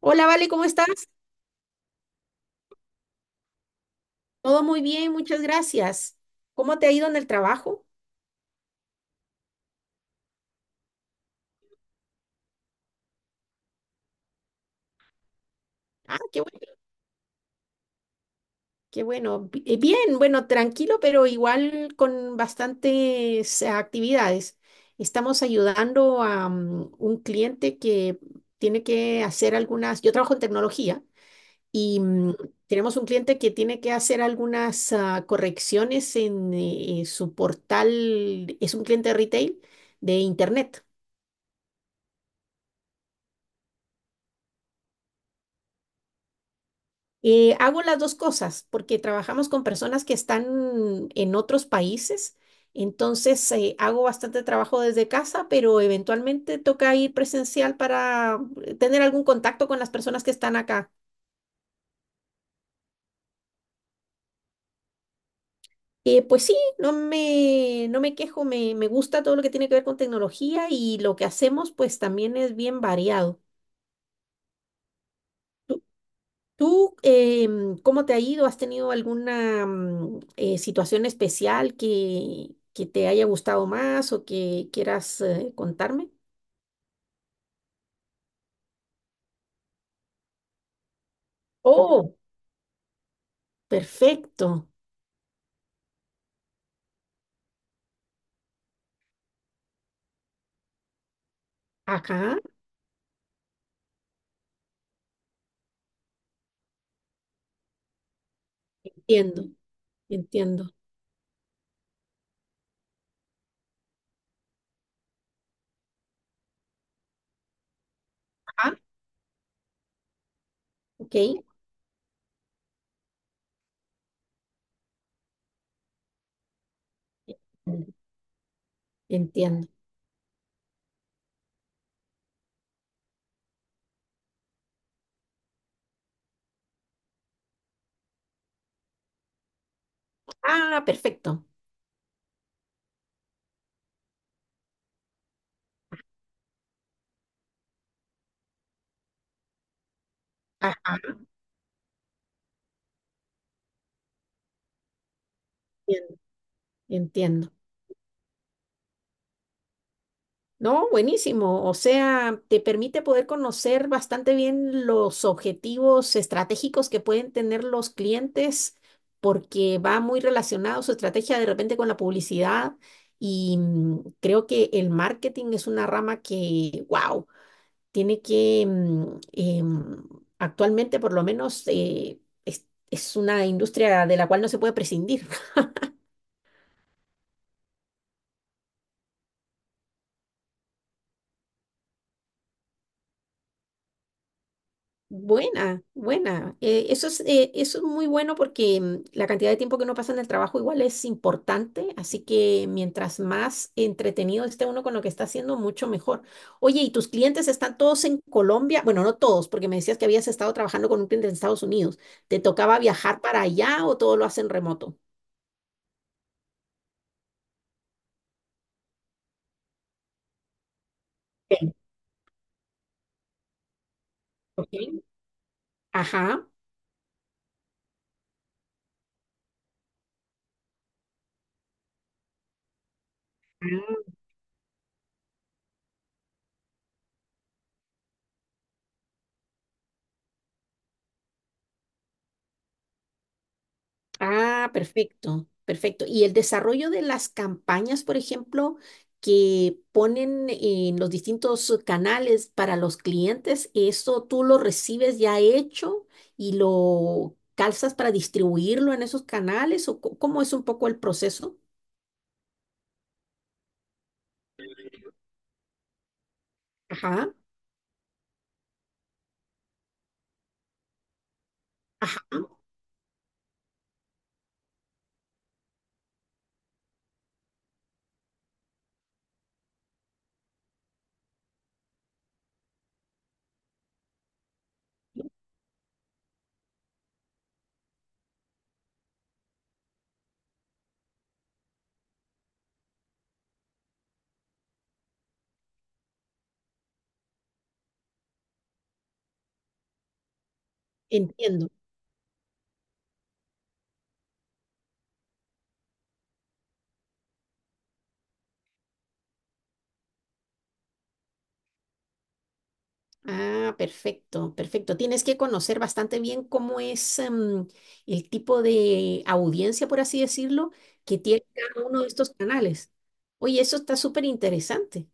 Hola, Vale, ¿cómo estás? Todo muy bien, muchas gracias. ¿Cómo te ha ido en el trabajo? Ah, qué bueno, qué bueno. Bien, bueno, tranquilo, pero igual con bastantes actividades. Estamos ayudando a un cliente que tiene que hacer algunas, yo trabajo en tecnología y tenemos un cliente que tiene que hacer algunas correcciones en su portal, es un cliente retail de internet. Hago las dos cosas porque trabajamos con personas que están en otros países, entonces hago bastante trabajo desde casa, pero eventualmente toca ir presencial para tener algún contacto con las personas que están acá. Pues sí, no me quejo, me gusta todo lo que tiene que ver con tecnología y lo que hacemos pues también es bien variado. ¿Tú cómo te ha ido? ¿Has tenido alguna situación especial que te haya gustado más o que quieras contarme? Oh, perfecto. Ajá, entiendo, entiendo. Ajá, ok. Entiendo. Entiendo. Ah, perfecto. Ajá, entiendo, entiendo. No, buenísimo. O sea, te permite poder conocer bastante bien los objetivos estratégicos que pueden tener los clientes, porque va muy relacionado su estrategia de repente con la publicidad. Y creo que el marketing es una rama que, wow, tiene que actualmente por lo menos, es una industria de la cual no se puede prescindir. Buena, buena. Eso es muy bueno porque la cantidad de tiempo que uno pasa en el trabajo igual es importante, así que mientras más entretenido esté uno con lo que está haciendo, mucho mejor. Oye, ¿y tus clientes están todos en Colombia? Bueno, no todos, porque me decías que habías estado trabajando con un cliente en Estados Unidos. ¿Te tocaba viajar para allá o todo lo hacen remoto? Sí. Ok. Ajá. Ah, perfecto, perfecto. Y el desarrollo de las campañas, por ejemplo, que ponen en los distintos canales para los clientes, ¿eso tú lo recibes ya hecho y lo calzas para distribuirlo en esos canales? ¿O cómo es un poco el proceso? Ajá, ajá, entiendo. Ah, perfecto, perfecto. Tienes que conocer bastante bien cómo es el tipo de audiencia, por así decirlo, que tiene cada uno de estos canales. Oye, eso está súper interesante.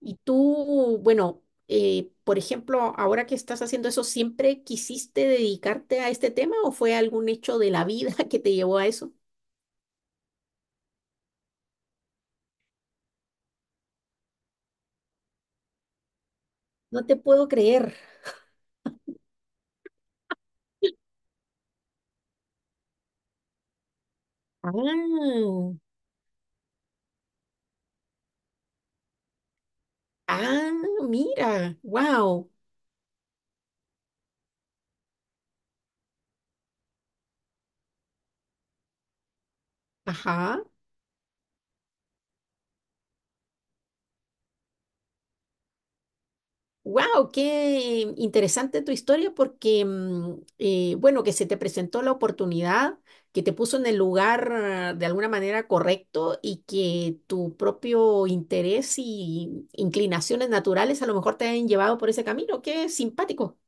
Y tú, bueno, por ejemplo, ahora que estás haciendo eso, ¿siempre quisiste dedicarte a este tema o fue algún hecho de la vida que te llevó a eso? No te puedo creer. Ah, ah, mira, wow, ajá. Wow, qué interesante tu historia porque, bueno, que se te presentó la oportunidad, que te puso en el lugar de alguna manera correcto y que tu propio interés y inclinaciones naturales a lo mejor te han llevado por ese camino. Qué simpático.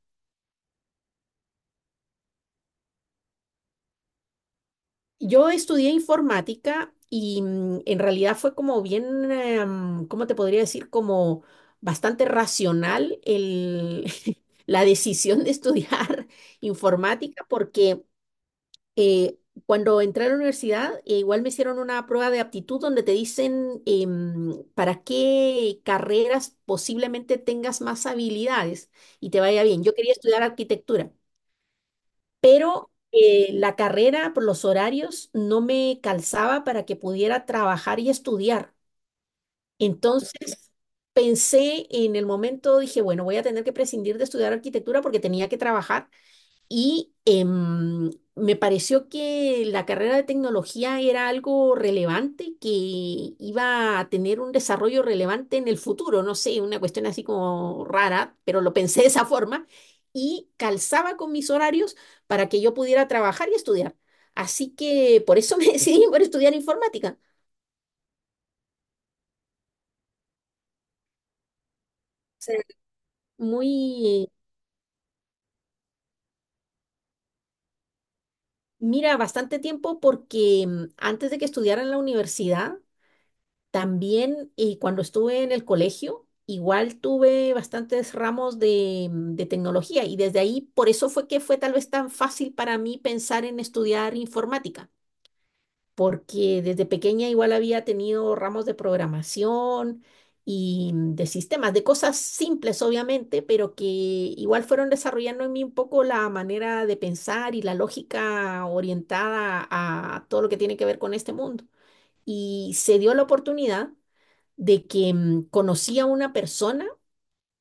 Yo estudié informática y en realidad fue como bien, ¿cómo te podría decir? Como bastante racional la decisión de estudiar informática porque eh, cuando entré a la universidad, igual me hicieron una prueba de aptitud donde te dicen para qué carreras posiblemente tengas más habilidades y te vaya bien. Yo quería estudiar arquitectura, pero la carrera por los horarios no me calzaba para que pudiera trabajar y estudiar. Entonces pensé en el momento, dije, bueno, voy a tener que prescindir de estudiar arquitectura porque tenía que trabajar. Y me pareció que la carrera de tecnología era algo relevante, que iba a tener un desarrollo relevante en el futuro, no sé, una cuestión así como rara, pero lo pensé de esa forma y calzaba con mis horarios para que yo pudiera trabajar y estudiar. Así que por eso me decidí por estudiar informática. Sea, muy, mira, bastante tiempo porque antes de que estudiara en la universidad, también cuando estuve en el colegio, igual tuve bastantes ramos de tecnología y desde ahí, por eso fue que fue tal vez tan fácil para mí pensar en estudiar informática, porque desde pequeña igual había tenido ramos de programación y de sistemas, de cosas simples obviamente, pero que igual fueron desarrollando en mí un poco la manera de pensar y la lógica orientada a todo lo que tiene que ver con este mundo. Y se dio la oportunidad de que conocí a una persona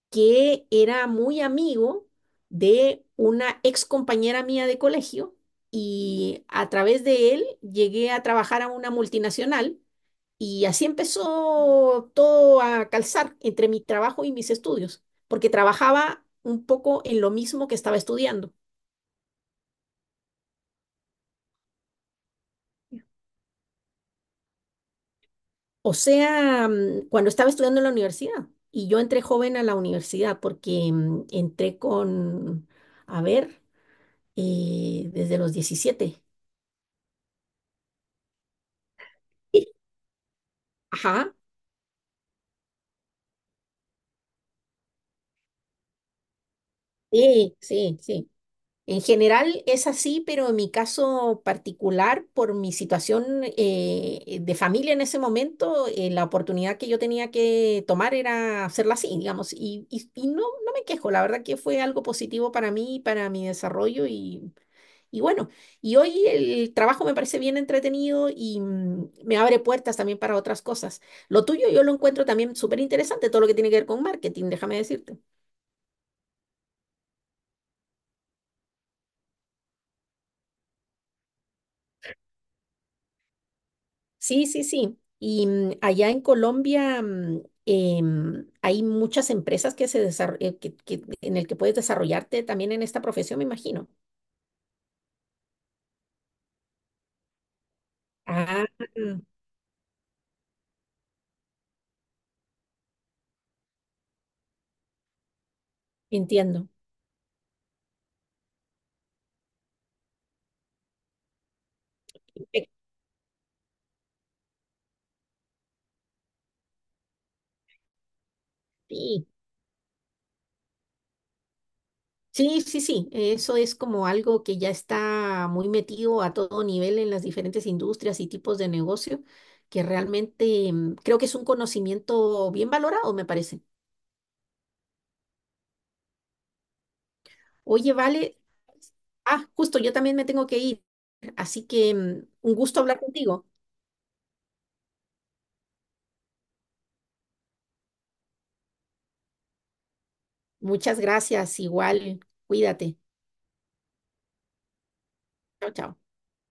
que era muy amigo de una ex compañera mía de colegio y a través de él llegué a trabajar a una multinacional y así empezó todo a calzar entre mi trabajo y mis estudios, porque trabajaba un poco en lo mismo que estaba estudiando. O sea, cuando estaba estudiando en la universidad. Y yo entré joven a la universidad porque entré con, a ver, desde los 17. Ajá, sí, sí, sí. En general es así, pero en mi caso particular, por mi situación de familia en ese momento, la oportunidad que yo tenía que tomar era hacerla así, digamos, y, y no, no me quejo, la verdad que fue algo positivo para mí, para mi desarrollo y. Y bueno, y hoy el trabajo me parece bien entretenido y me abre puertas también para otras cosas. Lo tuyo yo lo encuentro también súper interesante, todo lo que tiene que ver con marketing, déjame decirte. Sí, sí, sí. Y allá en Colombia hay muchas empresas que se en el que puedes desarrollarte también en esta profesión, me imagino. Ah, entiendo. Perfecto, sí. Sí, sí, sí, eso es como algo que ya está muy metido a todo nivel en las diferentes industrias y tipos de negocio, que realmente creo que es un conocimiento bien valorado, me parece. Oye, vale, ah, justo, yo también me tengo que ir, así que un gusto hablar contigo. Muchas gracias, igual, cuídate. Chao, chao.